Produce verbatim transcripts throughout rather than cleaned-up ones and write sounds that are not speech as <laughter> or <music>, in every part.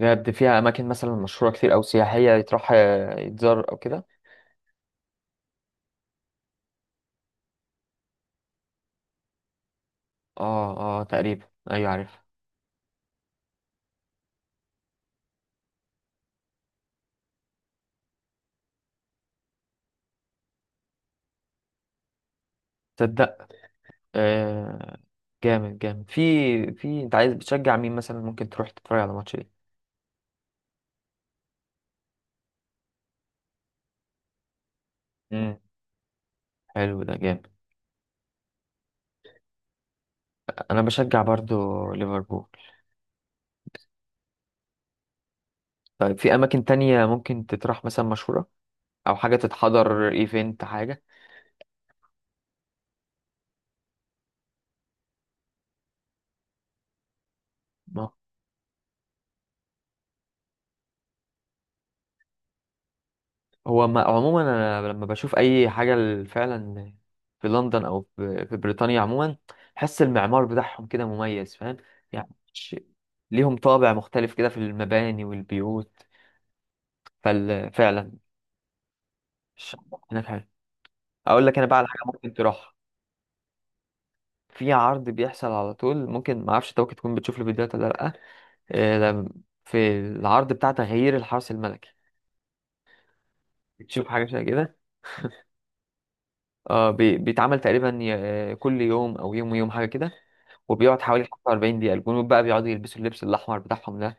بجد فيها اماكن مثلا مشهوره كتير او سياحيه يتروح، آه، يتزار او كده. اه، اه، تقريبا. ايوه، عارف. تصدق؟ آه، جامد جامد. في في انت عايز بتشجع مين مثلا؟ ممكن تروح تتفرج على ماتش ايه؟ امم حلو، ده جامد. انا بشجع برضو ليفربول. طيب، في اماكن تانية ممكن تتروح مثلا مشهوره، او حاجه تتحضر، ايفنت، حاجه؟ هو ما عموما انا لما بشوف اي حاجه ال- فعلا في لندن، او في في بريطانيا عموما، بحس المعمار بتاعهم كده مميز، فاهم يعني. ش- ليهم طابع مختلف كده في المباني والبيوت، ففعلا هناك حلو. اقول لك انا بقى على حاجه ممكن تروح. في عرض بيحصل على طول، ممكن ما اعرفش انت ممكن تكون بتشوف الفيديوهات ولا لا. آه، لم- في العرض بتاع تغيير الحرس الملكي، بتشوف حاجه شبه كده. اه، بي- بيتعمل تقريبا ي- آه، كل يوم او يوم ويوم، حاجه كده. وبيقعد حوالي خمسة وأربعين دقيقة، الجنود بقى بيقعدوا يلبسوا اللبس الأحمر بتاعهم ده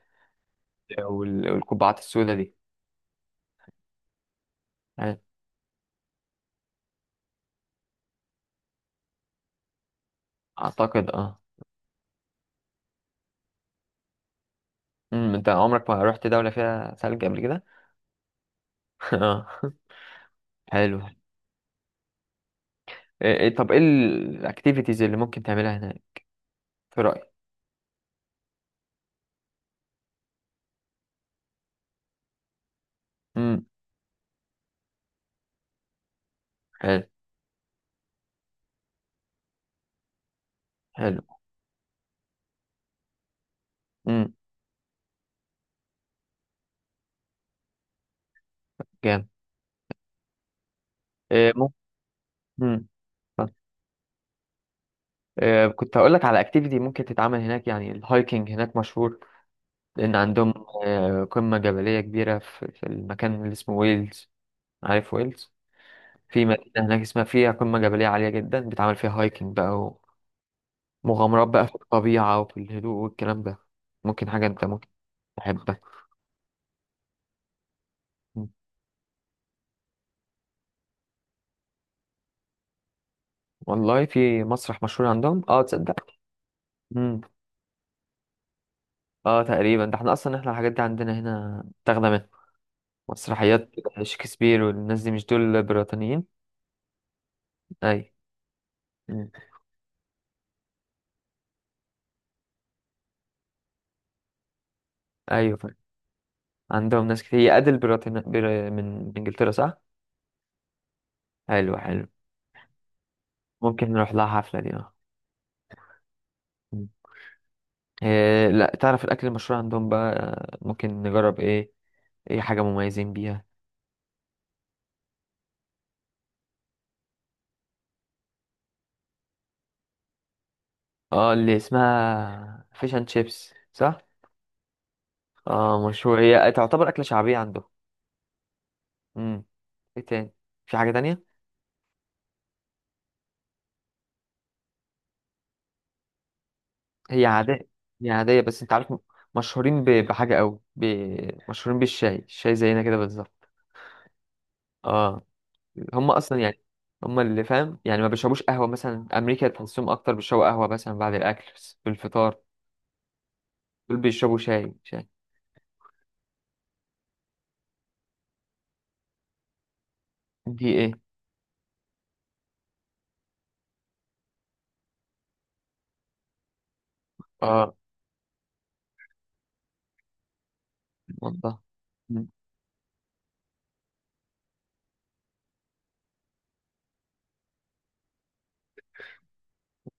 وال- والقبعات السوداء دي، يعني. أعتقد اه. أمم، أنت عمرك ما رحت دولة فيها ثلج قبل كده؟ <laughs> اه، حلو. إيه إيه- طب إيه الأكتيفيتيز اللي ممكن تعملها هناك في رأيك؟ أمم، حلو حلو. أمم، جامد. إيه ممكن. أمم، آه، آه، كنت هقول لك على اكتيفيتي ممكن تتعمل هناك. يعني الهايكنج هناك مشهور، لأن عندهم آه، قمة جبلية كبيرة في في المكان اللي اسمه ويلز. عارف ويلز؟ في مدينة هناك اسمها فيها قمة جبلية عالية جدا، بيتعمل فيها هايكنج بقى، ومغامرات بقى في الطبيعة وفي الهدوء والكلام ده. ممكن حاجة انت ممكن تحبها. مم. والله في مسرح مشهور عندهم، اه، تصدق. مم. اه، تقريبا ده احنا اصلا، احنا الحاجات دي عندنا هنا تاخدة منها. مسرحيات شكسبير والناس دي مش دول بريطانيين؟ اي. مم. ايوه، فعلا. عندهم ناس كتير، هي ادل بريطانيا بر... من من انجلترا، صح. حلو حلو. ممكن نروح لها حفلة دي، اه. إيه، لا تعرف الاكل المشهور عندهم بقى؟ آه، ممكن نجرب ايه؟ ايه حاجه مميزين بيها؟ اه، اللي اسمها فيش اند شيبس، صح. اه مشهور، هي تعتبر اكله شعبيه عندهم. امم. ايه تاني؟ في حاجه تانية؟ هي عاديه. هي عاديه بس انت عارف، مشهورين ب- بحاجه قوي، ب... مشهورين بالشاي. الشاي زينا كده بالظبط. اه، هم اصلا يعني، هم اللي فاهم، يعني ما بيشربوش قهوه مثلا. امريكا تحسهم اكتر بيشربوا قهوه مثلا بعد الاكل، بس في الفطار. دول بيشربوا شاي شاي. دي ايه؟ اه. والله. مم.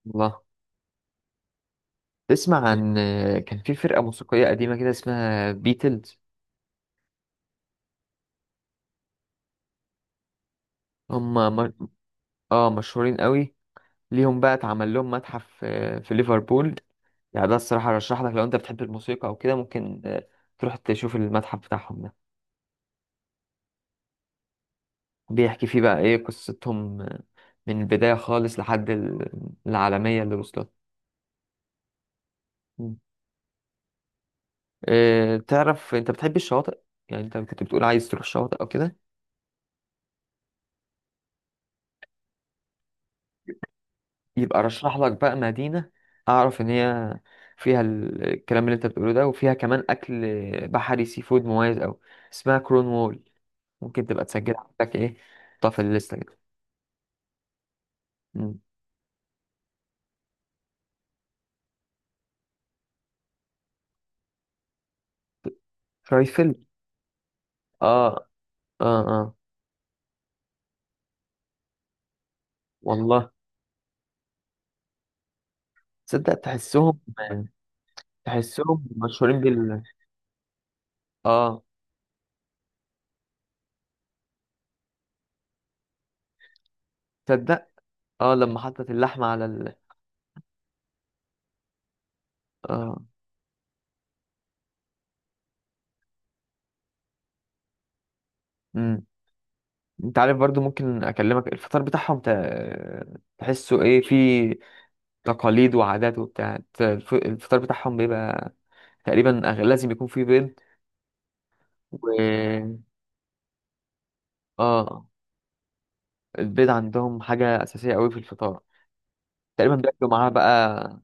والله. تسمع عن، كان في فرقة موسيقية قديمة كده اسمها بيتلز. هم م... اه، مشهورين قوي. ليهم بقى اتعمل لهم متحف آه، في ليفربول. يعني ده الصراحة رشح لك، لو انت بتحب الموسيقى او كده ممكن آه، تروح تشوف المتحف بتاعهم ده. بيحكي فيه بقى ايه قصتهم آه، من البداية خالص لحد ال- العالمية اللي وصلت. مم. آه، تعرف انت بتحب الشواطئ، يعني انت كنت بتقول عايز تروح الشواطئ او كده. يبقى رشح لك بقى مدينة اعرف ان هي فيها ال- الكلام اللي انت بتقوله ده، وفيها كمان اكل بحري، سي فود مميز اوي، اسمها كرون وول. ممكن تبقى تسجلها عندك، ايه، طف الليسته كده. مم. شايفل. اه اه اه. والله. تصدق. تحسهم، تحسهم مشهورين بال، اه، تصدق. اه لما حطت اللحمة على ال، اه. امم، انت عارف برضو ممكن اكلمك الفطار بتاعهم ت... تحسه ايه، في تقاليد وعادات وبتاع الت- الف- الفطار بتاعهم، بيبقى تقريبا أغ- لازم يكون فيه بيض، و، اه. البيض عندهم حاجة أساسية أوي في الفطار، تقريبا بياكلوا معاها بقى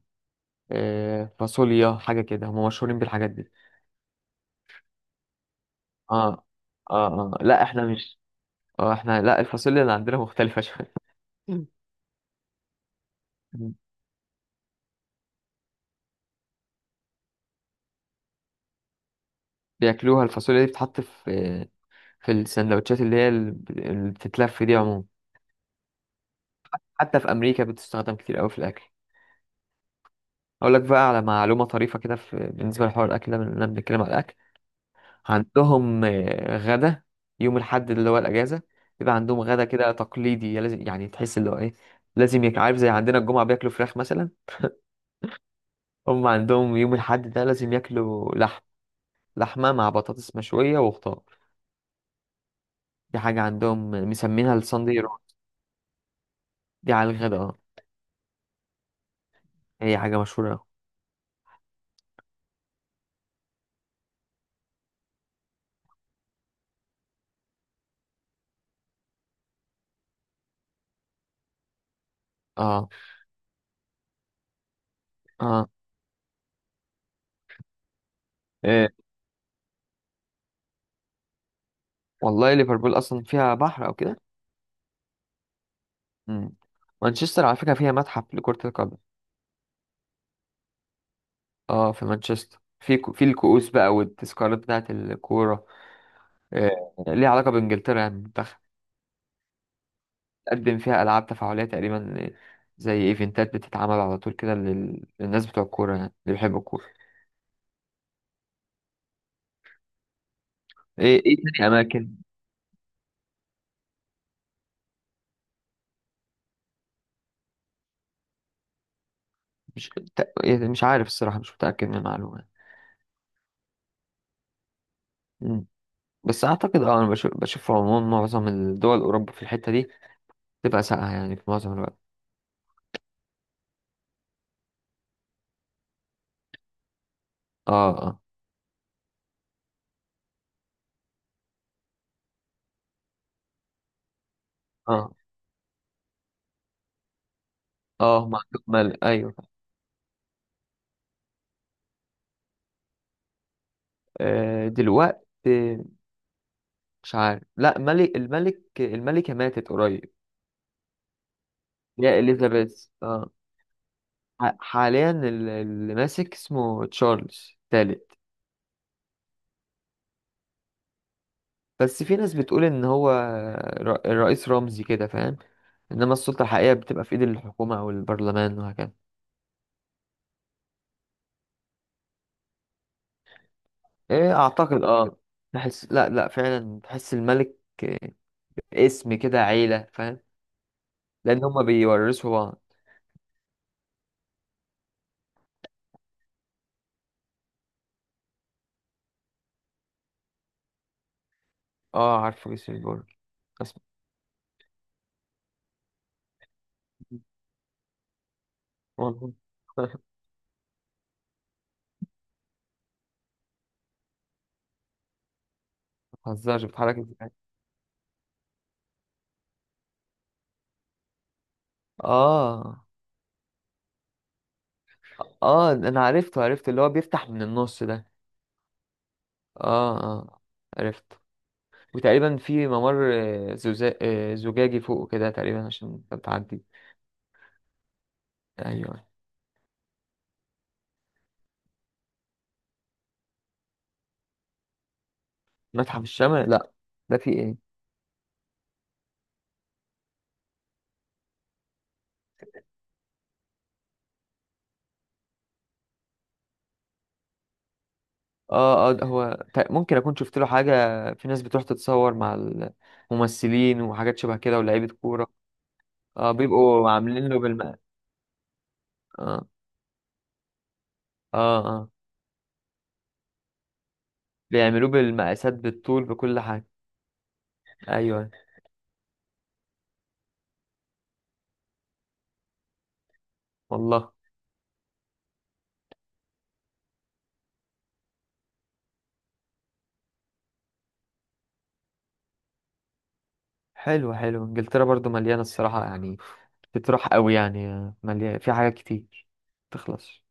آه، فاصوليا، حاجة كده. هم مشهورين بالحاجات دي. اه اه. اه لا احنا مش، اه احنا لا، الفاصوليا اللي عندنا <laughs> مختلفة شوية. مم. بياكلوها الفاصوليا دي، بتتحط في في السندوتشات اللي هي اللي بتتلف دي عموما. حتى في أمريكا بتستخدم كتير أوي في الأكل. اقول لك بقى على معلومه طريفه كده، في بالنسبه لحوار الاكل ده، بنتكلم بنتكلم على الاكل. عندهم آه، غدا يوم الاحد اللي هو الاجازه، بيبقى عندهم غدا كده تقليدي، لازم يعني تحس اللي هو ايه، لازم يك عارف زي عندنا الجمعه بياكلوا فراخ مثلا. هم عندهم يوم الاحد ده لازم ياكلوا لحم، لحمه مع بطاطس مشويه وخضار. دي حاجه عندهم مسمينها الساندي رول. دي على الغدا، اه. هي حاجه مشهوره أوي. اه اه. إيه. والله ليفربول اصلا فيها بحر او كده. مم. مانشستر على فكره فيها متحف لكره القدم. اه، في مانشستر، في في الكؤوس بقى والتذكارات بتاعت الكورة، آه، ليها علاقة بإنجلترا يعني، المنتخب. تقدم فيها ألعاب تفاعلية تقريبا، آه، زي ايفنتات بتتعمل على طول كده لل- للناس بتوع الكورة يعني، اللي بيحبوا الكورة. ايه ايه تاني أماكن؟ مش ت- يعني مش عارف الصراحة، مش متأكد من المعلومة يعني. مم. بس أعتقد اه، أنا بشوف، بشوف في العموم معظم الدول أوروبا في الحتة دي تبقى ساقعة يعني في معظم الوقت. اه اه اه. اه، ما عندهم مال، أيوه. آه، دلوقتي مش عارف، لا ملك، الملك، الملكة ماتت قريب. يا إليزابيث، اه. ح- حاليا ال- اللي ماسك اسمه تشارلز الثالث. بس في ناس بتقول ان هو ر- رئيس رمزي كده، فاهم، انما السلطة الحقيقية بتبقى في ايد الحكومة او البرلمان وهكذا. ايه اعتقد اه. تحس لا لا فعلا، تحس الملك اسم كده عيلة، فاهم، لان هما بيورثوا بعض. اه، عارفه جسر البرج، اسمه. والله. <laughs> ما بتهزرش، بتحرك ازاي؟ اه اه. انا عرفته، عرفت اللي هو بيفتح من النص ده. اه اه. عرفت. وتقريبا في ممر آه، زجا- آه، زجاجي فوق كده، تقريبا عشان تعدي. ايوه. متحف الشمع لا، ده في ايه؟ اه اه. ده هو ت- ممكن اكون شفت له حاجه، في ناس بتروح تتصور مع الممثلين وحاجات شبه كده ولاعيبه كوره. اه بيبقوا عاملين له بالم اه اه. اه بيعملوه بالمقاسات بالطول بكل حاجه. ايوه. والله. حلو حلو. انجلترا برضو مليانه الصراحه يعني، بتروح قوي يعني، مليان في حاجات كتير، تخلص.